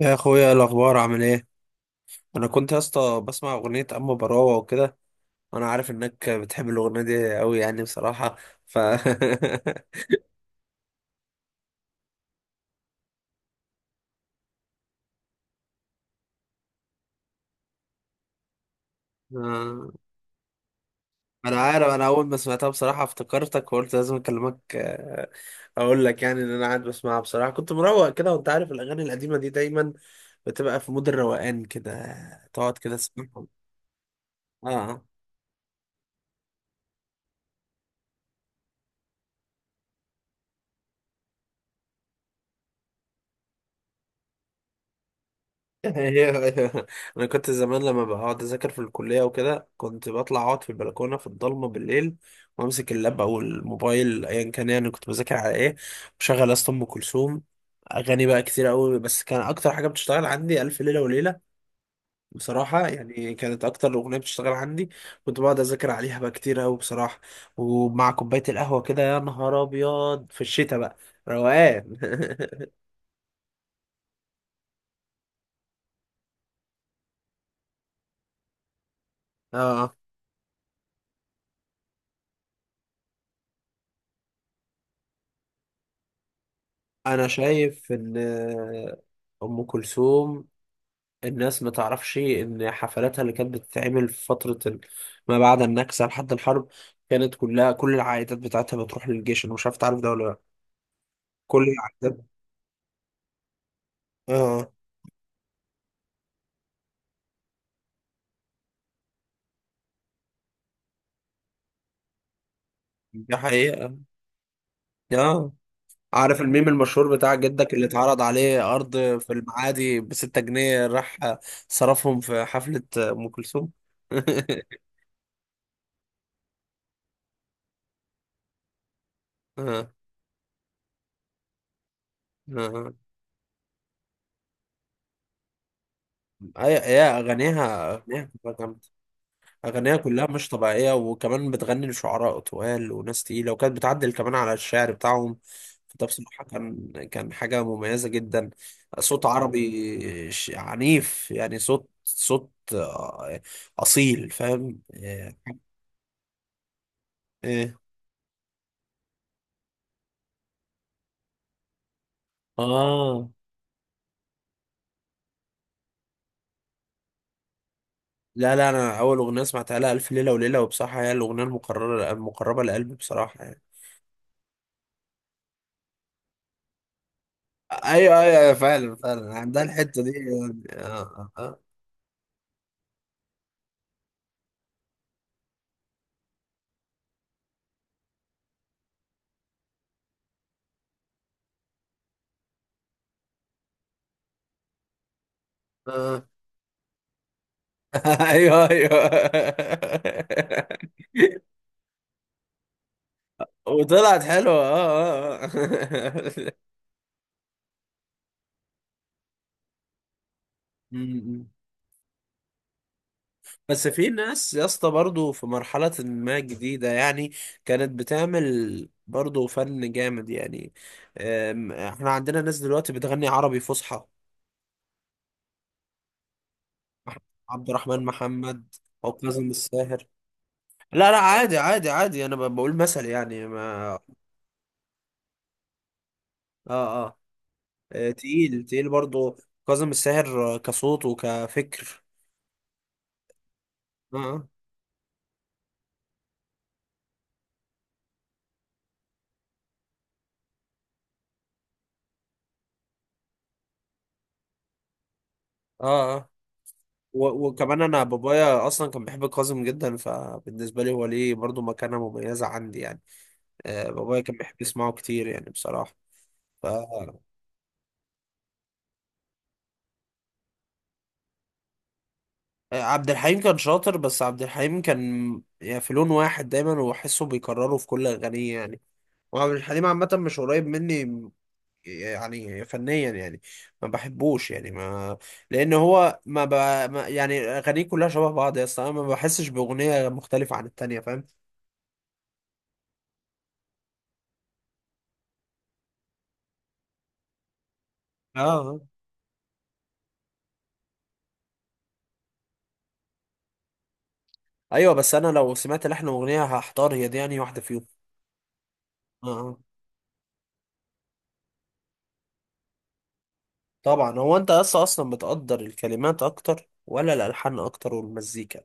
يا اخويا، إيه الاخبار؟ عامل ايه؟ انا كنت يا اسطى بسمع اغنيه اما براوه وكده، وانا عارف انك بتحب الاغنيه دي قوي، يعني بصراحه ف آه، انا عارف، انا اول ما سمعتها بصراحه افتكرتك وقلت لازم اكلمك. اقول لك يعني ان انا قاعد بسمعها بصراحه، كنت مروق كده، وانت عارف الاغاني القديمه دي دايما بتبقى في مود الروقان كده، تقعد كده تسمعهم. اه. هي- انا كنت زمان لما بقعد اذاكر في الكليه وكده كنت بطلع اقعد في البلكونه في الضلمه بالليل، وامسك اللاب او الموبايل ايا كان، يعني كنت بذاكر على ايه، بشغل اصلا ام كلثوم. اغاني بقى كتير قوي، بس كان اكتر حاجه بتشتغل عندي الف ليله وليله. بصراحه يعني كانت اكتر اغنيه بتشتغل عندي، كنت بقعد اذاكر عليها بقى كتير قوي بصراحه، ومع كوبايه القهوه كده يا نهار ابيض في الشتاء بقى، روقان. اه. انا شايف ان ام كلثوم الناس ما تعرفش ان حفلاتها اللي كانت بتتعمل في ما بعد النكسه لحد الحرب كانت كلها، كل العائدات بتاعتها بتروح للجيش، انا مش عارف تعرف ده ولا لا، كل العائدات. اه. دي حقيقه. اه. عارف الميم المشهور بتاع جدك اللي اتعرض عليه ارض في المعادي بـ6 جنيه؟ راح صرفهم في حفله ام كلثوم. اه، اه. يا اغانيها بتبقى جامدة. أغنية كلها مش طبيعية، وكمان بتغني لشعراء طوال وناس تقيلة، وكانت بتعدل كمان على الشعر بتاعهم، فده بصراحة كان، حاجة مميزة جدا. صوت عربي عنيف، يعني صوت أصيل، فاهم إيه؟ إيه. آه. لا لا، أنا أول أغنية سمعتها لها ألف ليلة وليلة، وبصراحة هي الأغنية المقربة لقلبي بصراحة يعني. أيوه أيوه أيوة، فعلا فعلا عندها الحتة دي يعني. آه آه آه. ايوه ايوه. وطلعت حلوه. اه اه آه. م- م. بس في ناس يا اسطى برضه في مرحله ما جديده يعني كانت بتعمل برضه فن جامد يعني. احنا عندنا ناس دلوقتي بتغني عربي فصحى: عبد الرحمن محمد، او كاظم الساهر. لا لا، عادي عادي عادي، انا بقول مثل يعني ما. اه اه. تقيل تقيل برضه. كاظم الساهر كصوت وكفكر. اه اه اه. وكمان انا بابايا اصلا كان بيحب كاظم جدا، فبالنسبه لي هو ليه برضو مكانه مميزه عندي يعني. آه، بابايا كان بيحب يسمعه كتير يعني بصراحه. ف آه، عبد الحليم كان شاطر، بس عبد الحليم كان يعني في لون واحد دايما وحسه بيكرره في كل اغانيه يعني. وعبد الحليم عامه مش قريب مني يعني، فنيا يعني ما بحبوش، يعني ما، لان هو ما, ب... ما يعني اغانيه كلها شبه بعض يا اسطى، انا ما بحسش باغنيه مختلفه عن التانيه، فاهم؟ اه. ايوه، بس انا لو سمعت لحن اغنيه هحتار هي دي يعني واحده فيهم. آه. آه. طبعا هو انت اصلا بتقدر الكلمات اكتر ولا الالحان اكتر والمزيكا؟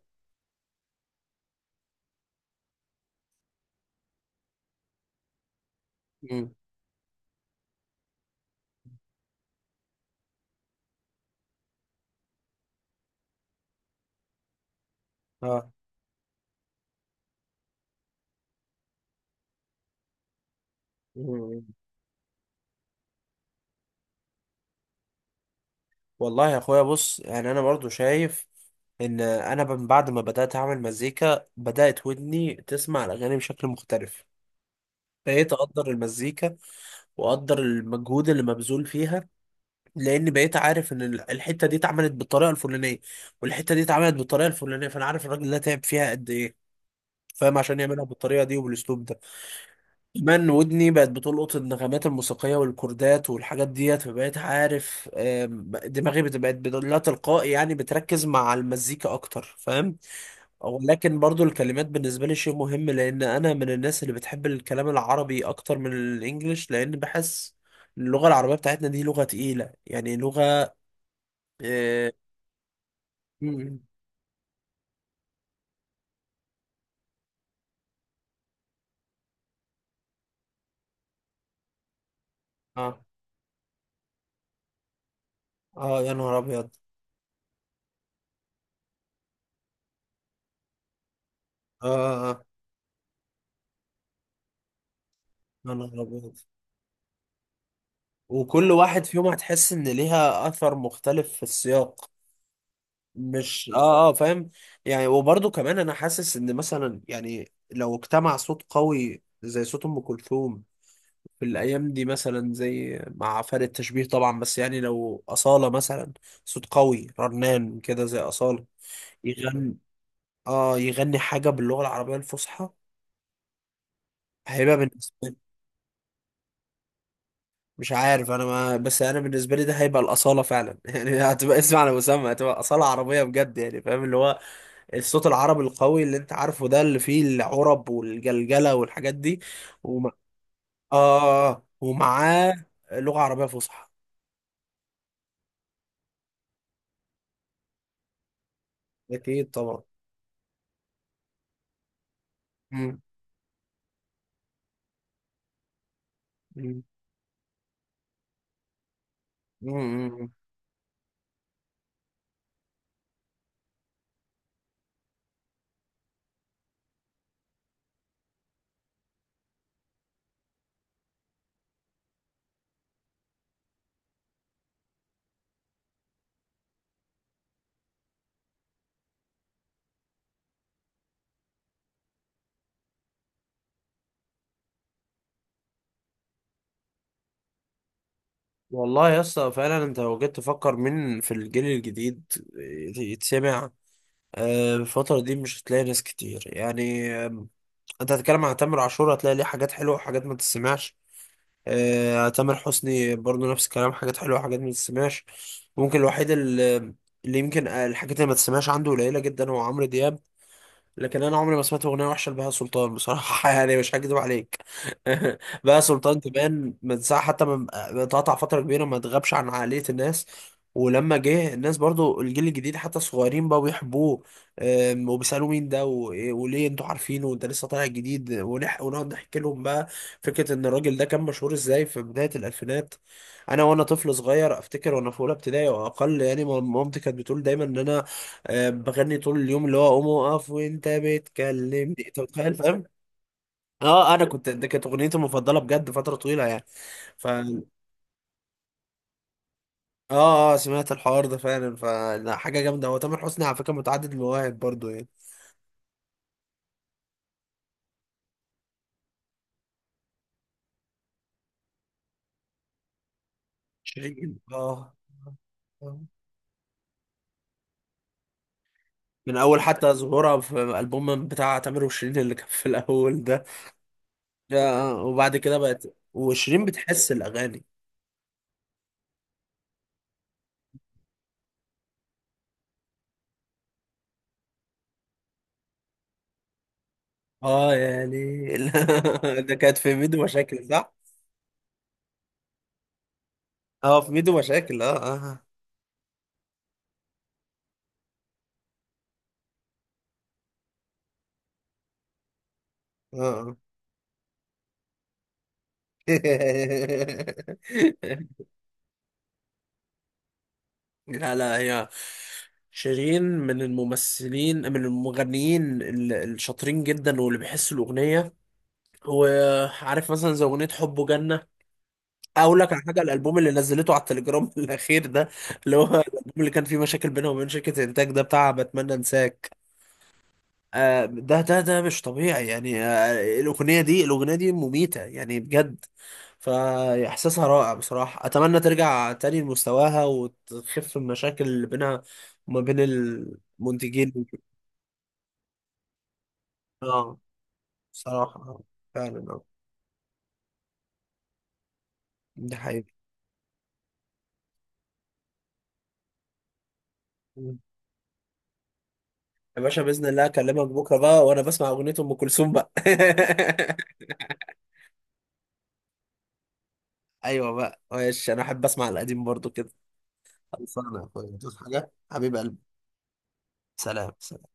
مم. اه. مم. والله يا اخويا، بص يعني انا برضو شايف ان انا من بعد ما بدات اعمل مزيكا بدات ودني تسمع الاغاني بشكل مختلف، بقيت اقدر المزيكا واقدر المجهود اللي مبذول فيها، لان بقيت عارف ان الحته دي اتعملت بالطريقه الفلانيه، والحته دي اتعملت بالطريقه الفلانيه، فانا عارف الراجل ده تعب فيها قد ايه، فاهم، عشان يعملها بالطريقه دي وبالاسلوب ده. كمان ودني بقت بتلقط النغمات الموسيقيه والكوردات والحاجات ديت، فبقيت عارف. دماغي لا تلقائي يعني بتركز مع المزيكا اكتر، فاهم؟ ولكن برضو الكلمات بالنسبه لي شيء مهم، لان انا من الناس اللي بتحب الكلام العربي اكتر من الانجليش، لان بحس اللغه العربيه بتاعتنا دي لغه تقيله، يعني لغه. اه. م- م. اه. آه، يا نهار ابيض. اه. آه، آه، يا نهار ابيض. وكل واحد فيهم هتحس ان ليها اثر مختلف في السياق، مش فاهم يعني. وبرضه كمان انا حاسس ان مثلا، يعني لو اجتمع صوت قوي زي صوت ام كلثوم في الايام دي، مثلا زي، مع فرق التشبيه طبعا، بس يعني لو اصالة مثلا، صوت قوي رنان كده زي اصالة يغني، اه يغني حاجة باللغة العربية الفصحى، هيبقى بالنسبة، مش عارف انا ما، بس انا بالنسبه لي ده هيبقى الاصاله فعلا يعني، هتبقى اسم على مسمى، هتبقى اصاله عربيه بجد يعني، فاهم، اللي هو الصوت العربي القوي اللي انت عارفه ده، اللي فيه العرب والجلجله والحاجات دي. وم... اه، ومعاه لغه عربيه فصحى. اكيد طبعا. مم. مم. مم. مم. والله يا اسطى فعلا انت لو جيت تفكر مين في الجيل الجديد يتسمع آه، الفترة دي، مش هتلاقي ناس كتير يعني. انت هتتكلم عن تامر عاشور، هتلاقي ليه حاجات حلوه وحاجات ما تسمعش. آه، تامر حسني برضو نفس الكلام، حاجات حلوه وحاجات ما تسمعش. ممكن الوحيد اللي يمكن الحاجات اللي ما تسمعش عنده قليله جدا هو عمرو دياب، لكن انا عمري ما سمعت اغنيه وحشه لبهاء سلطان بصراحه يعني، مش هكذب عليك. بهاء سلطان كمان من ساعه حتى ما ما اتقطع فتره كبيره، ما اتغابش عن عقليه الناس، ولما جه الناس برضو الجيل الجديد حتى الصغيرين بقوا بيحبوه، وبيسالوه مين ده وليه انتوا عارفينه وانت لسه طالع جديد، ونقعد نحكي لهم بقى فكره ان الراجل ده كان مشهور ازاي في بدايه الالفينات. انا وانا طفل صغير، افتكر وانا في اولى ابتدائي او اقل يعني، مامتي كانت بتقول دايما ان انا بغني طول اليوم، اللي هو قوم اقف وانت بتكلمني، انت متخيل، فاهم؟ اه، انا كنت، ده كانت اغنيتي المفضله بجد فتره طويله يعني، ف. اه اه، سمعت الحوار ده فعلا، فحاجه جامده، هو تامر حسني على فكره متعدد المواهب برضو يعني. شيرين، اه، من اول حتى ظهورها في الالبوم بتاع تامر وشيرين اللي كان في الاول ده. آه، آه، وبعد كده بقت، وشيرين بتحس الاغاني. اه يعني. ده كانت في ميدو مشاكل صح؟ اه، في ميدو مشاكل، اه آه، آه. اه. لا لا، هي شيرين من الممثلين، من المغنيين الشاطرين جدا واللي بيحسوا الأغنية، وعارف مثلا زي أغنية حبه جنة. أقول لك على حاجة، الألبوم اللي نزلته على التليجرام الأخير ده، اللي هو الألبوم اللي كان فيه مشاكل بينها وبين شركة الإنتاج، ده بتاع بتمنى أنساك. آه، ده مش طبيعي يعني، آه، الأغنية دي مميتة يعني بجد. فإحساسها رائع بصراحة، أتمنى ترجع تاني لمستواها وتخف المشاكل اللي بينها وما بين المنتجين. اه، بصراحة، آه، فعلا. اه، ده حقيقي. مم. يا باشا، بإذن الله أكلمك بكرة بقى وأنا بسمع أغنية أم كلثوم بقى. أيوة بقى، ماشي، أنا أحب أسمع القديم برضو كده. خلصانة يا أخويا، تدوس حاجة حبيب قلبي. سلام.